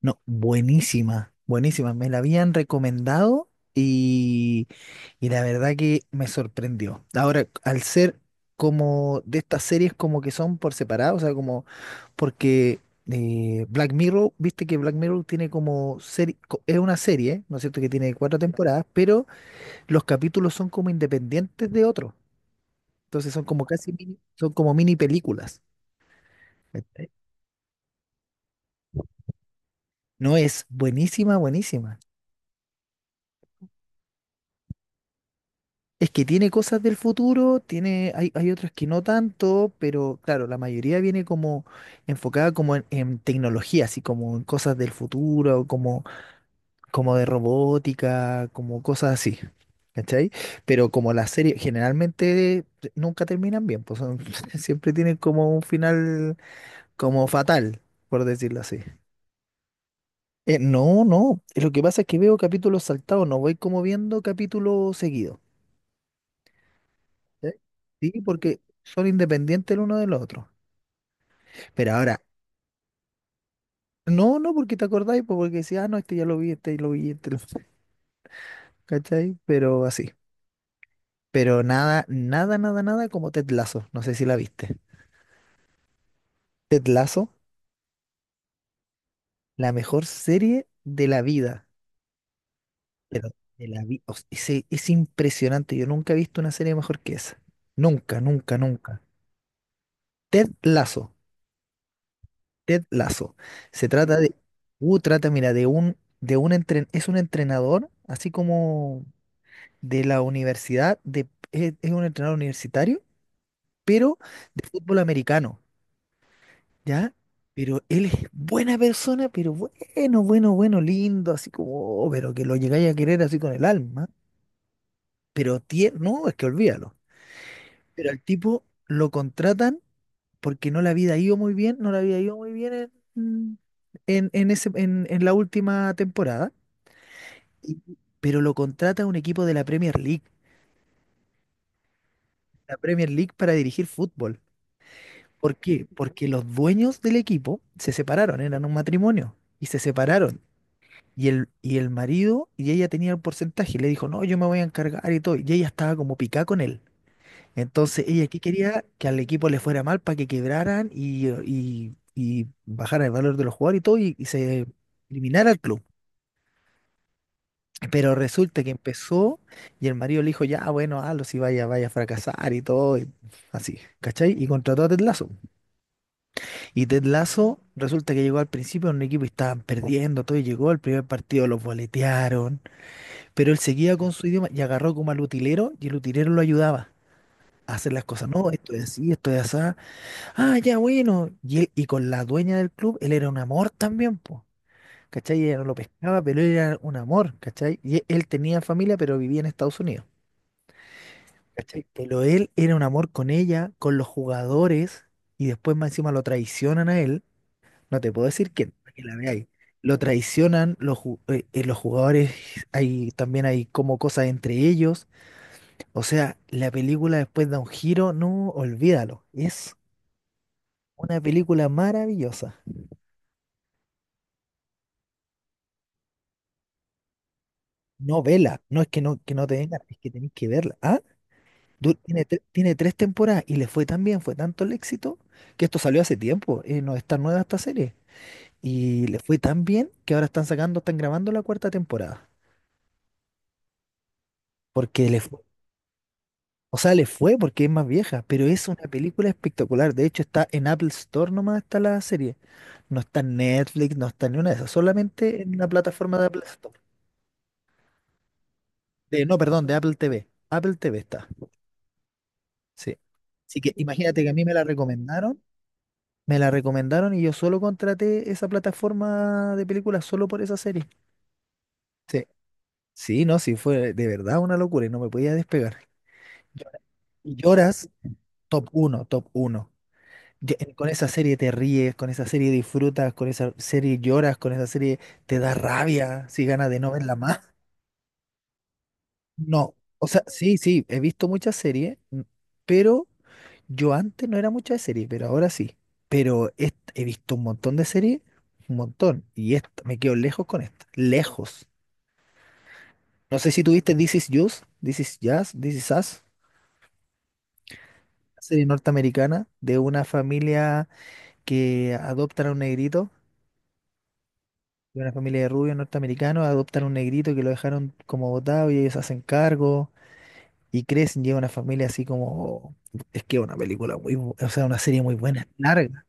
No, buenísima, buenísima. Me la habían recomendado y la verdad que me sorprendió. Ahora, al ser como de estas series como que son por separado, o sea, como porque Black Mirror, viste que Black Mirror tiene como serie, es una serie, ¿no es cierto? Que tiene cuatro temporadas, pero los capítulos son como independientes de otros. Entonces son como casi mini, son como mini películas. ¿Cachai? No, es buenísima, buenísima. Es que tiene cosas del futuro, tiene, hay otras que no tanto, pero claro, la mayoría viene como enfocada como en tecnología, así como en cosas del futuro, como, como de robótica, como cosas así. ¿Cachai? Pero como las series generalmente nunca terminan bien, pues siempre tienen como un final como fatal, por decirlo así. No, no, lo que pasa es que veo capítulos saltados, no voy como viendo capítulos seguidos. ¿Eh? Sí, porque son independientes el uno del otro. Pero ahora, no, no, porque te acordáis, pues, porque decía, ah, no, este ya lo vi, este ya lo vi, este lo vi, ¿Cachai? Pero así. Pero nada, nada, nada, nada como Ted Lasso. No sé si la viste. Ted Lasso, la mejor serie de la vida. Pero de la vida. Es impresionante. Yo nunca he visto una serie mejor que esa. Nunca, nunca, nunca. Ted Lasso. Ted Lasso. Se trata de, trata, mira, de un es un entrenador, así como de la universidad, de, es un entrenador universitario, pero de fútbol americano, ¿ya? Pero él es buena persona, pero bueno, bueno, bueno, lindo, así como, oh, pero que lo llegáis a querer así con el alma, pero tierno, no, es que olvídalo. Pero al tipo lo contratan porque no le había ido muy bien, no le había ido muy bien en, en la última temporada. Pero lo contrata un equipo de la Premier League para dirigir fútbol. ¿Por qué? Porque los dueños del equipo se separaron, eran un matrimonio y se separaron. Y el marido y ella tenía el porcentaje y le dijo, no, yo me voy a encargar y todo. Y ella estaba como picada con él. Entonces ella que quería que al equipo le fuera mal para que quebraran y bajara el valor de los jugadores y todo y se eliminara el club. Pero resulta que empezó y el marido le dijo, ya, bueno, hazlo si vaya, vaya a fracasar y todo, y así, ¿cachai? Y contrató a Ted Lasso. Y Ted Lasso resulta que llegó al principio a un equipo y estaban perdiendo, todo, y llegó al primer partido, los boletearon, pero él seguía con su idioma y agarró como al utilero y el utilero lo ayudaba a hacer las cosas, no, esto es así, ah, ya bueno, y él, y con la dueña del club, él era un amor también, po, ¿cachai? Ella no lo pescaba, pero él era un amor, ¿cachai? Y él tenía familia, pero vivía en Estados Unidos. ¿Cachai? Pero él era un amor con ella, con los jugadores, y después más encima lo traicionan a él. No te puedo decir quién, para que la veáis. Lo traicionan, los jugadores, hay, también hay como cosas entre ellos. O sea, la película después da un giro, no, olvídalo. Es una película maravillosa. No vela, no es que no te venga, es que tenéis que verla. Ah, tiene, tiene tres temporadas y le fue tan bien, fue tanto el éxito, que esto salió hace tiempo. No es tan nueva esta serie. Y le fue tan bien que ahora están sacando, están grabando la cuarta temporada. Porque le fue, o sea, le fue porque es más vieja, pero es una película espectacular. De hecho, está en Apple Store, nomás está la serie. No está en Netflix, no está en ninguna de esas, solamente en una plataforma de Apple Store. De, no, perdón, de Apple TV. Apple TV está. Sí. Así que imagínate que a mí me la recomendaron y yo solo contraté esa plataforma de películas solo por esa serie. Sí. Sí, no, sí, fue de verdad una locura y no me podía despegar. Llora- Y lloras, top uno, top 1. Con esa serie te ríes, con esa serie disfrutas, con esa serie lloras, con esa serie te da rabia, si ganas de no verla más. No, o sea, sí, sí, he visto muchas series, pero yo antes no era mucha de serie, pero ahora sí. Pero he visto un montón de series, un montón, y esta, me quedo lejos con esta, lejos. No sé si tuviste This Is Us, serie norteamericana de una familia. Que adoptan a un negrito, de una familia de rubios norteamericanos, adoptan a un negrito que lo dejaron como botado y ellos se hacen cargo y crecen, llega una familia así como... Es que es una película muy, o sea, una serie muy buena, es larga,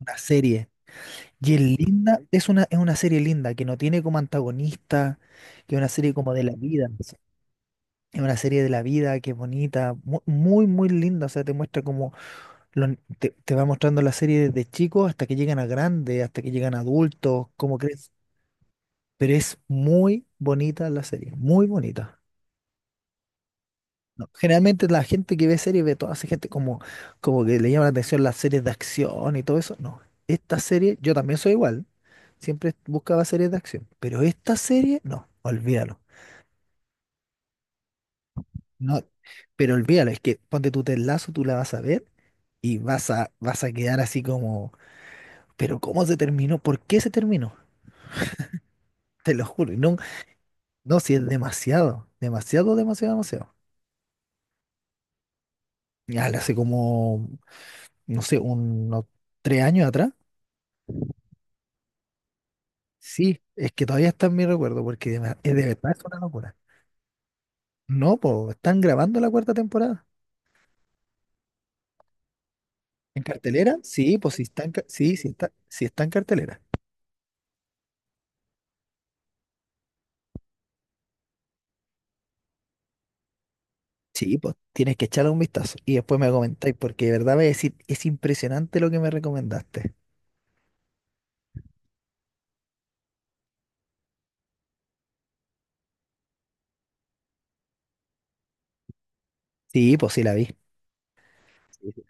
una serie. Y es linda, es una serie linda, que no tiene como antagonista, que es una serie como de la vida. Es una serie de la vida que es bonita, muy, muy linda. O sea, te muestra como lo- te, te va mostrando la serie desde chicos hasta que llegan a grandes, hasta que llegan a adultos, cómo crecen, pero es muy bonita la serie, muy bonita. No, generalmente la gente que ve series ve toda esa gente como, como que le llama la atención las series de acción y todo eso. No, esta serie, yo también soy igual, siempre buscaba series de acción, pero esta serie, no, olvídalo. No, pero olvídalo, es que ponte tu Ted, tú la vas a ver y vas a, vas a quedar así como, pero ¿cómo se terminó? ¿Por qué se terminó? Te lo juro, y no, no, si es demasiado, demasiado, demasiado, demasiado. Ya, la hace como no sé, unos tres años atrás. Sí, es que todavía está en mi recuerdo, porque de, es de verdad, es una locura. No, pues, están grabando la cuarta temporada. ¿En cartelera? Sí, pues si está en, sí, sí está en cartelera. Sí, pues tienes que echarle un vistazo y después me comentáis, porque de verdad voy a decir, es impresionante lo que me recomendaste. Sí, pues sí la vi. Sí, sí.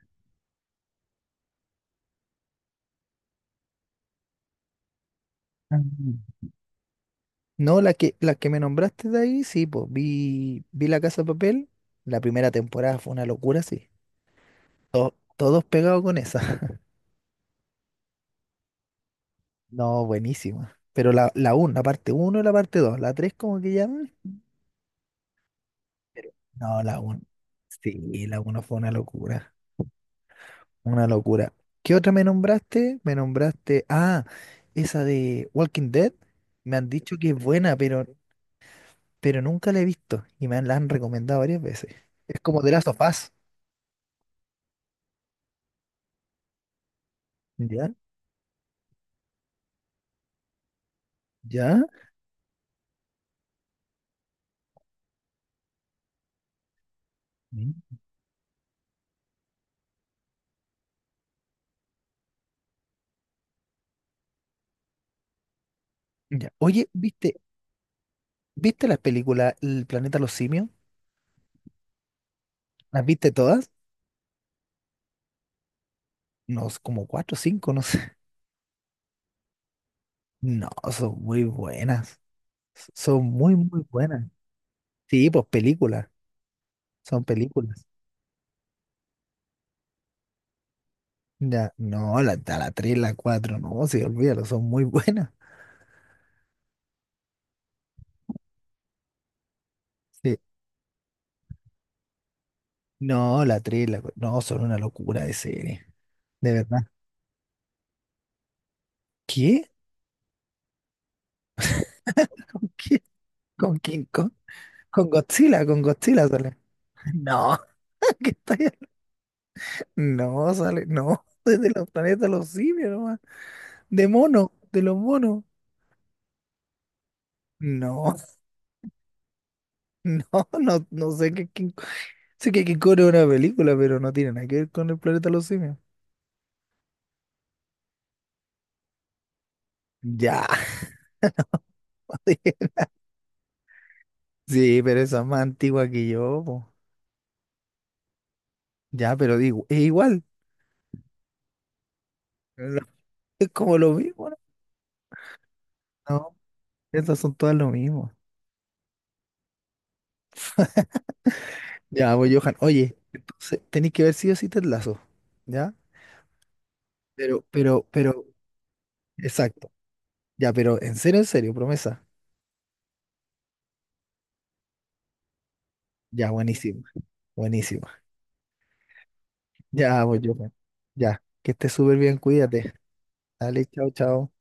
Ah. No, la que me nombraste de ahí, sí, pues vi La Casa de Papel. La primera temporada fue una locura, sí. Todos pegados con esa. No, buenísima. Pero la 1, la parte uno y la parte dos, la 3 como que llaman. No, la 1. Sí, la 1 fue una locura, una locura. ¿Qué otra me nombraste? Me nombraste, ah, esa de Walking Dead. Me han dicho que es buena, pero nunca la he visto y la han recomendado varias veces. Es como The Last of Us. ¿Ya? ¿Ya? Mm. ¿Ya? Oye, ¿viste las películas El planeta de los simios? ¿Las viste todas? No, como cuatro o cinco, no sé. No, son muy buenas. Son muy, muy buenas. Sí, pues películas, son películas. Ya, no, a la tres, la 4, no, sí, olvídalo, son muy buenas. Sí. No, la tres, la 4, no, son una locura de serie, de verdad. ¿Qué? ¿Con qué? ¿Con King Kong? ¿Con Godzilla? ¿Con Godzilla sale? No, ¿qué estoy hablando? No, sale, no, desde los planetas de los simios nomás, de mono, de los monos. No, no, no sé qué King Kong. Sé que King Kong es una película, pero no tiene nada que ver con el planeta de los simios. Ya. Sí, pero esa es más antigua que yo, po. Ya, pero digo, es igual. Es como lo mismo, ¿no? No, estas son todas lo mismo. Ya, pues, Johan, oye, entonces tenéis que ver si o sí Ted Lasso, ¿ya? Pero, exacto. Ya, pero en serio, promesa. Ya, buenísima, buenísima. Ya, pues, Johan. Ya, que estés súper bien, cuídate. Dale, chao, chao.